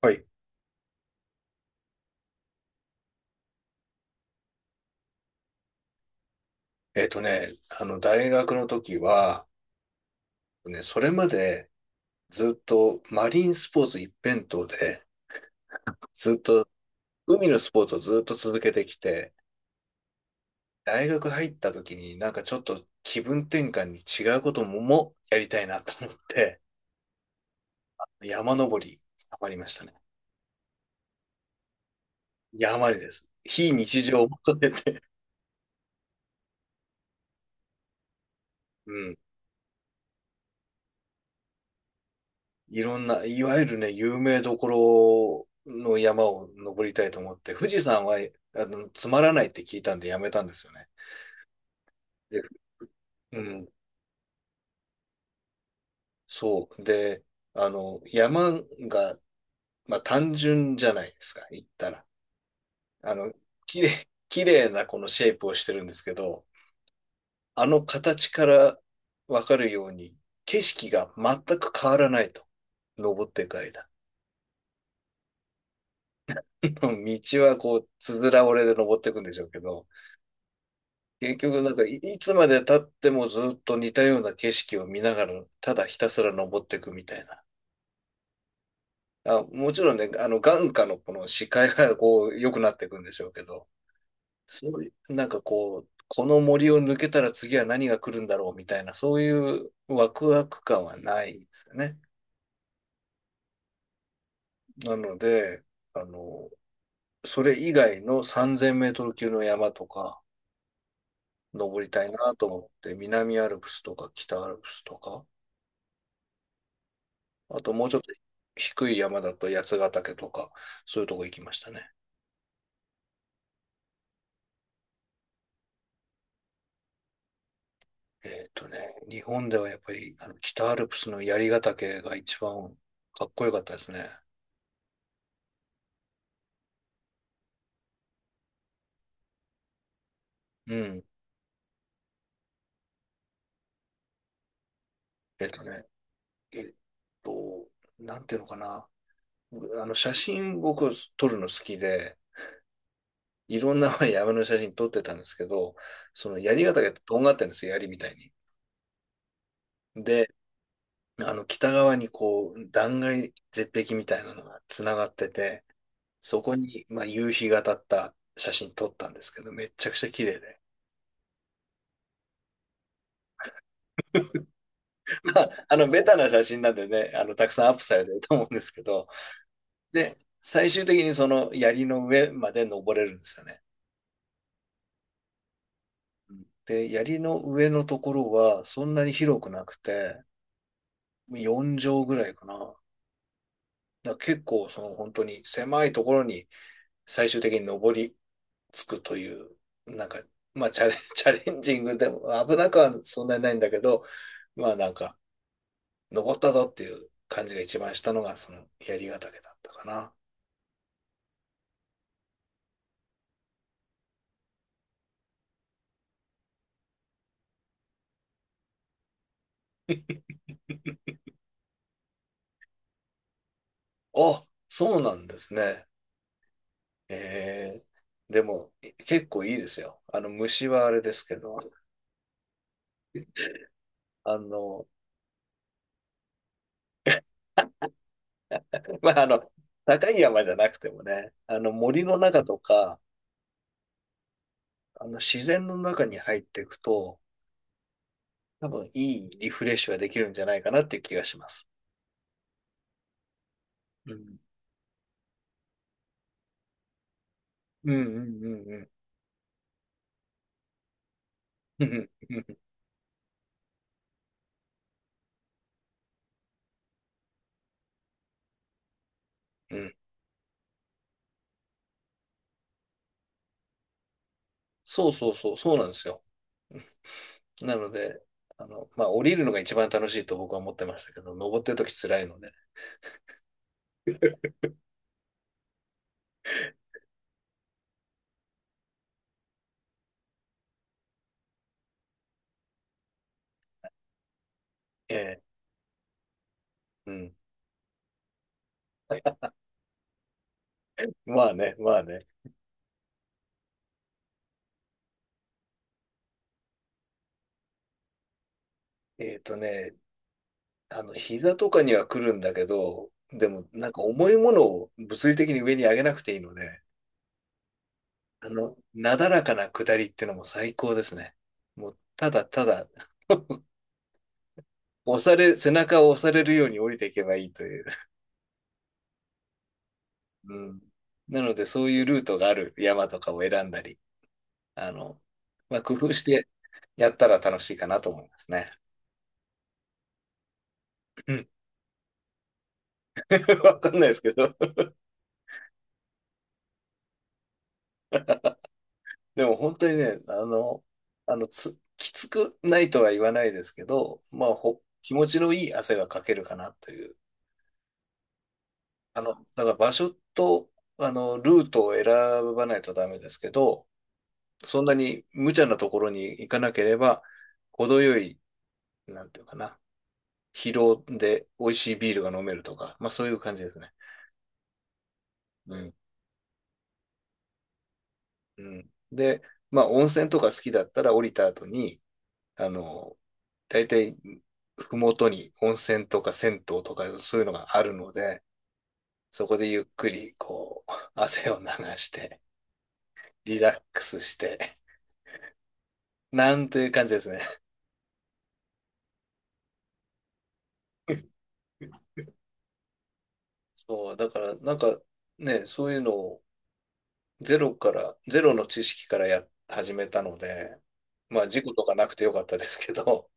はい。えっとね、大学の時は、ね、それまでずっとマリンスポーツ一辺倒で、ずっと海のスポーツをずっと続けてきて、大学入った時にちょっと気分転換に違うことももやりたいなと思って、山登り、ハマりましたね。山にです。非日常を求めて。うん。いろんな、いわゆるね、有名どころの山を登りたいと思って、富士山は、つまらないって聞いたんでやめたんですよね。で、うん、そう。で、山が、まあ、単純じゃないですか、行ったら。あの、綺麗なこのシェイプをしてるんですけど、あの形からわかるように、景色が全く変わらないと。登っていく間。道はこう、つづら折れで登っていくんでしょうけど、結局いつまで経ってもずっと似たような景色を見ながら、ただひたすら登っていくみたいな。あ、もちろんね、あの、眼下のこの視界がこう、良くなっていくんでしょうけど、そういう、なんかこう、この森を抜けたら次は何が来るんだろうみたいな、そういうワクワク感はないんですよね。なので、あの、それ以外の3000メートル級の山とか、登りたいなと思って、南アルプスとか北アルプスとか、あともうちょっと低い山だと八ヶ岳とか、そういうとこ行きましたね。えっとね、日本ではやっぱりあの北アルプスの槍ヶ岳が一番かっこよかったですね。うん。えっとね、えっと、なんていうのかな。あの写真僕撮るの好きで、いろんなまあ山の写真撮ってたんですけど、その槍ヶ岳ってとんがってるんですよ、槍みたいに。で、あの北側にこう断崖絶壁みたいなのがつながってて、そこに、まあ、夕日が当たった写真撮ったんですけど、めっちゃくちゃ綺麗で。まあ、あの、ベタな写真なんでね、あの、たくさんアップされてると思うんですけど、で、最終的にその槍の上まで登れるんですよね。で、槍の上のところはそんなに広くなくて、4畳ぐらいかな。だから結構その本当に狭いところに最終的に登りつくという、なんか、まあチャレン、チャレンジングでも危なくはそんなにないんだけど、まあなんか、登ったぞっていう感じが一番したのが、その槍ヶ岳だったかな。あ、そうなんですね。えー、でも、結構いいですよ。あの、虫はあれですけど、あの、まあ、あの、高い山じゃなくてもね、あの、森の中とか、あの、自然の中に入っていくと、多分いいリフレッシュができるんじゃないかなっていう気がします。うん。うんうんうんうん。うんうんうんうん。そうそうそう、そうなんですよ。なので、あの、まあ、降りるのが一番楽しいと僕は思ってましたけど、登ってるとき辛いので。ええ、うん。まあね、まあね。えっとね、あの、膝とかには来るんだけど、でも、なんか重いものを物理的に上に上げなくていいので、あの、なだらかな下りっていうのも最高ですね。もう、ただただ 押され、背中を押されるように降りていけばいいという。うん。なので、そういうルートがある山とかを選んだり、あの、まあ、工夫してやったら楽しいかなと思いますね。うん。わかんないですけど。でも本当にね、あの、きつくないとは言わないですけど、まあ、気持ちのいい汗がかけるかなという。あの、だから場所と、あの、ルートを選ばないとダメですけど、そんなに無茶なところに行かなければ、程よい、なんていうかな、疲労で美味しいビールが飲めるとか、まあそういう感じですね。うん。うん。で、まあ、温泉とか好きだったら降りた後に、あの、大体、ふもとに温泉とか銭湯とかそういうのがあるので、そこでゆっくり、こう、汗を流して、リラックスして、なんていう感じですね。そう、だから、なんか、ね、そういうのをゼロから、ゼロの知識からや、始めたので、まあ、事故とかなくてよかったですけど、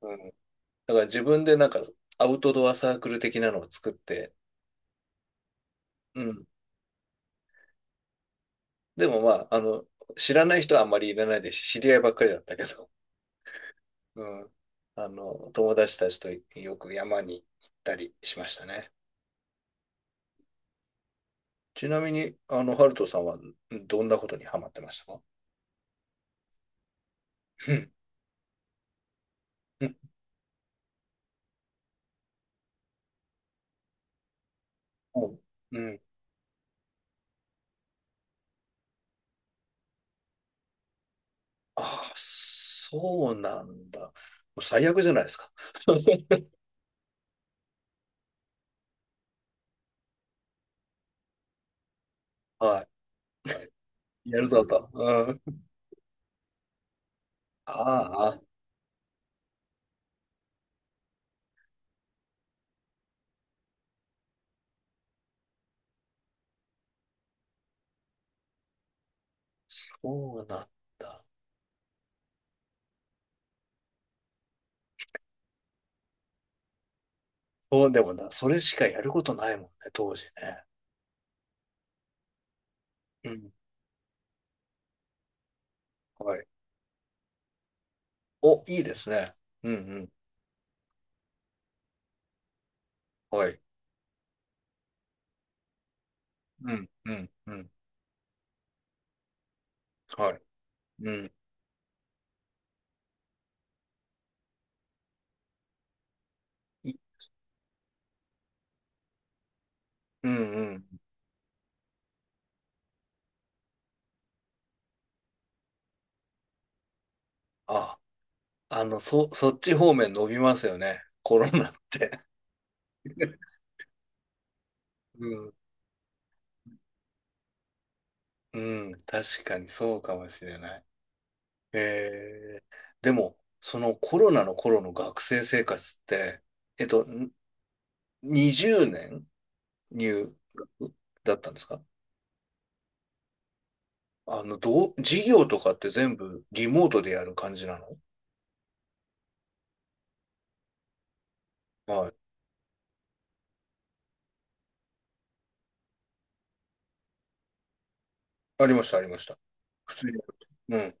うん。だから自分でなんか、アウトドアサークル的なのを作って、うん。でもまあ、あの、知らない人はあんまりいらないですし、知り合いばっかりだったけど、うん。あの、友達たちとよく山に行ったりしましたね。ちなみに、あの、ハルトさんはどんなことにハマってましたか？うんうん うんうんああ、そうなんだ。もう最悪じゃないですか。はい。やるだと。うん。ああ、そうなんだ。そう、でもな、それしかやることないもんね、当時ね。うん。はい。お、いいですね。うんうん。はい。うんうんうん。はい。うん。いうんうん。あ、そっち方面伸びますよね。コロナって。うん。うん。確かにそうかもしれない。えー、でも、そのコロナの頃の学生生活って、えっと、ん20年入学だったんですか？あの、授業とかって全部リモートでやる感じなの？はい。ありました、ありました。普通に。うん。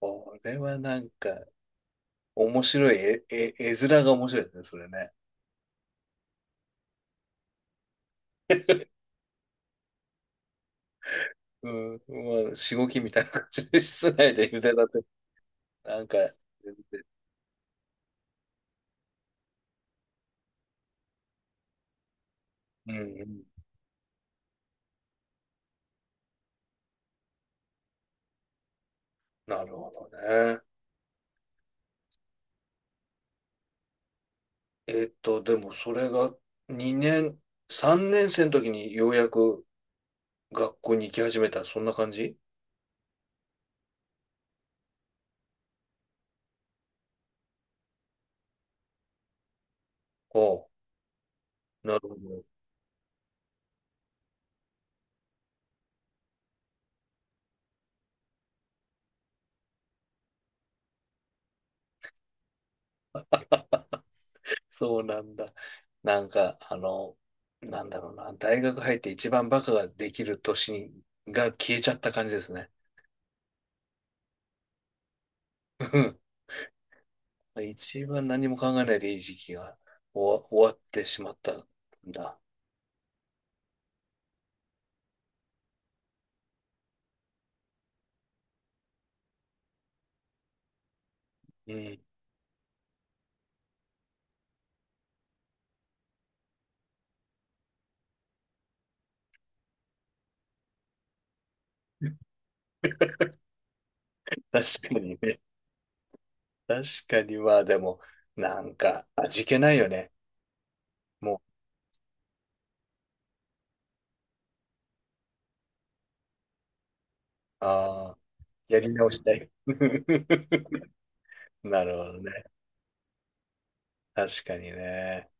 これはなんか、面白い、え、え、絵面が面白いですね、それね。うん、まあ、しごきみたいな感じで、室内で茹でたて、なんか、うん、うん、なるほどね。えっと、でもそれが2年、3年生の時にようやく学校に行き始めた、そんな感じ？おう、なるほど。あ、そうなんだ。なんか、あの、なんだろうな、大学入って一番バカができる年が消えちゃった感じですね。何も考えないでいい時期が終わってしまったんだ。うん。確かにね。確かに、まあでも、なんか、味気ないよね。もう、ああ、やり直したい。なるほどね。確かにね。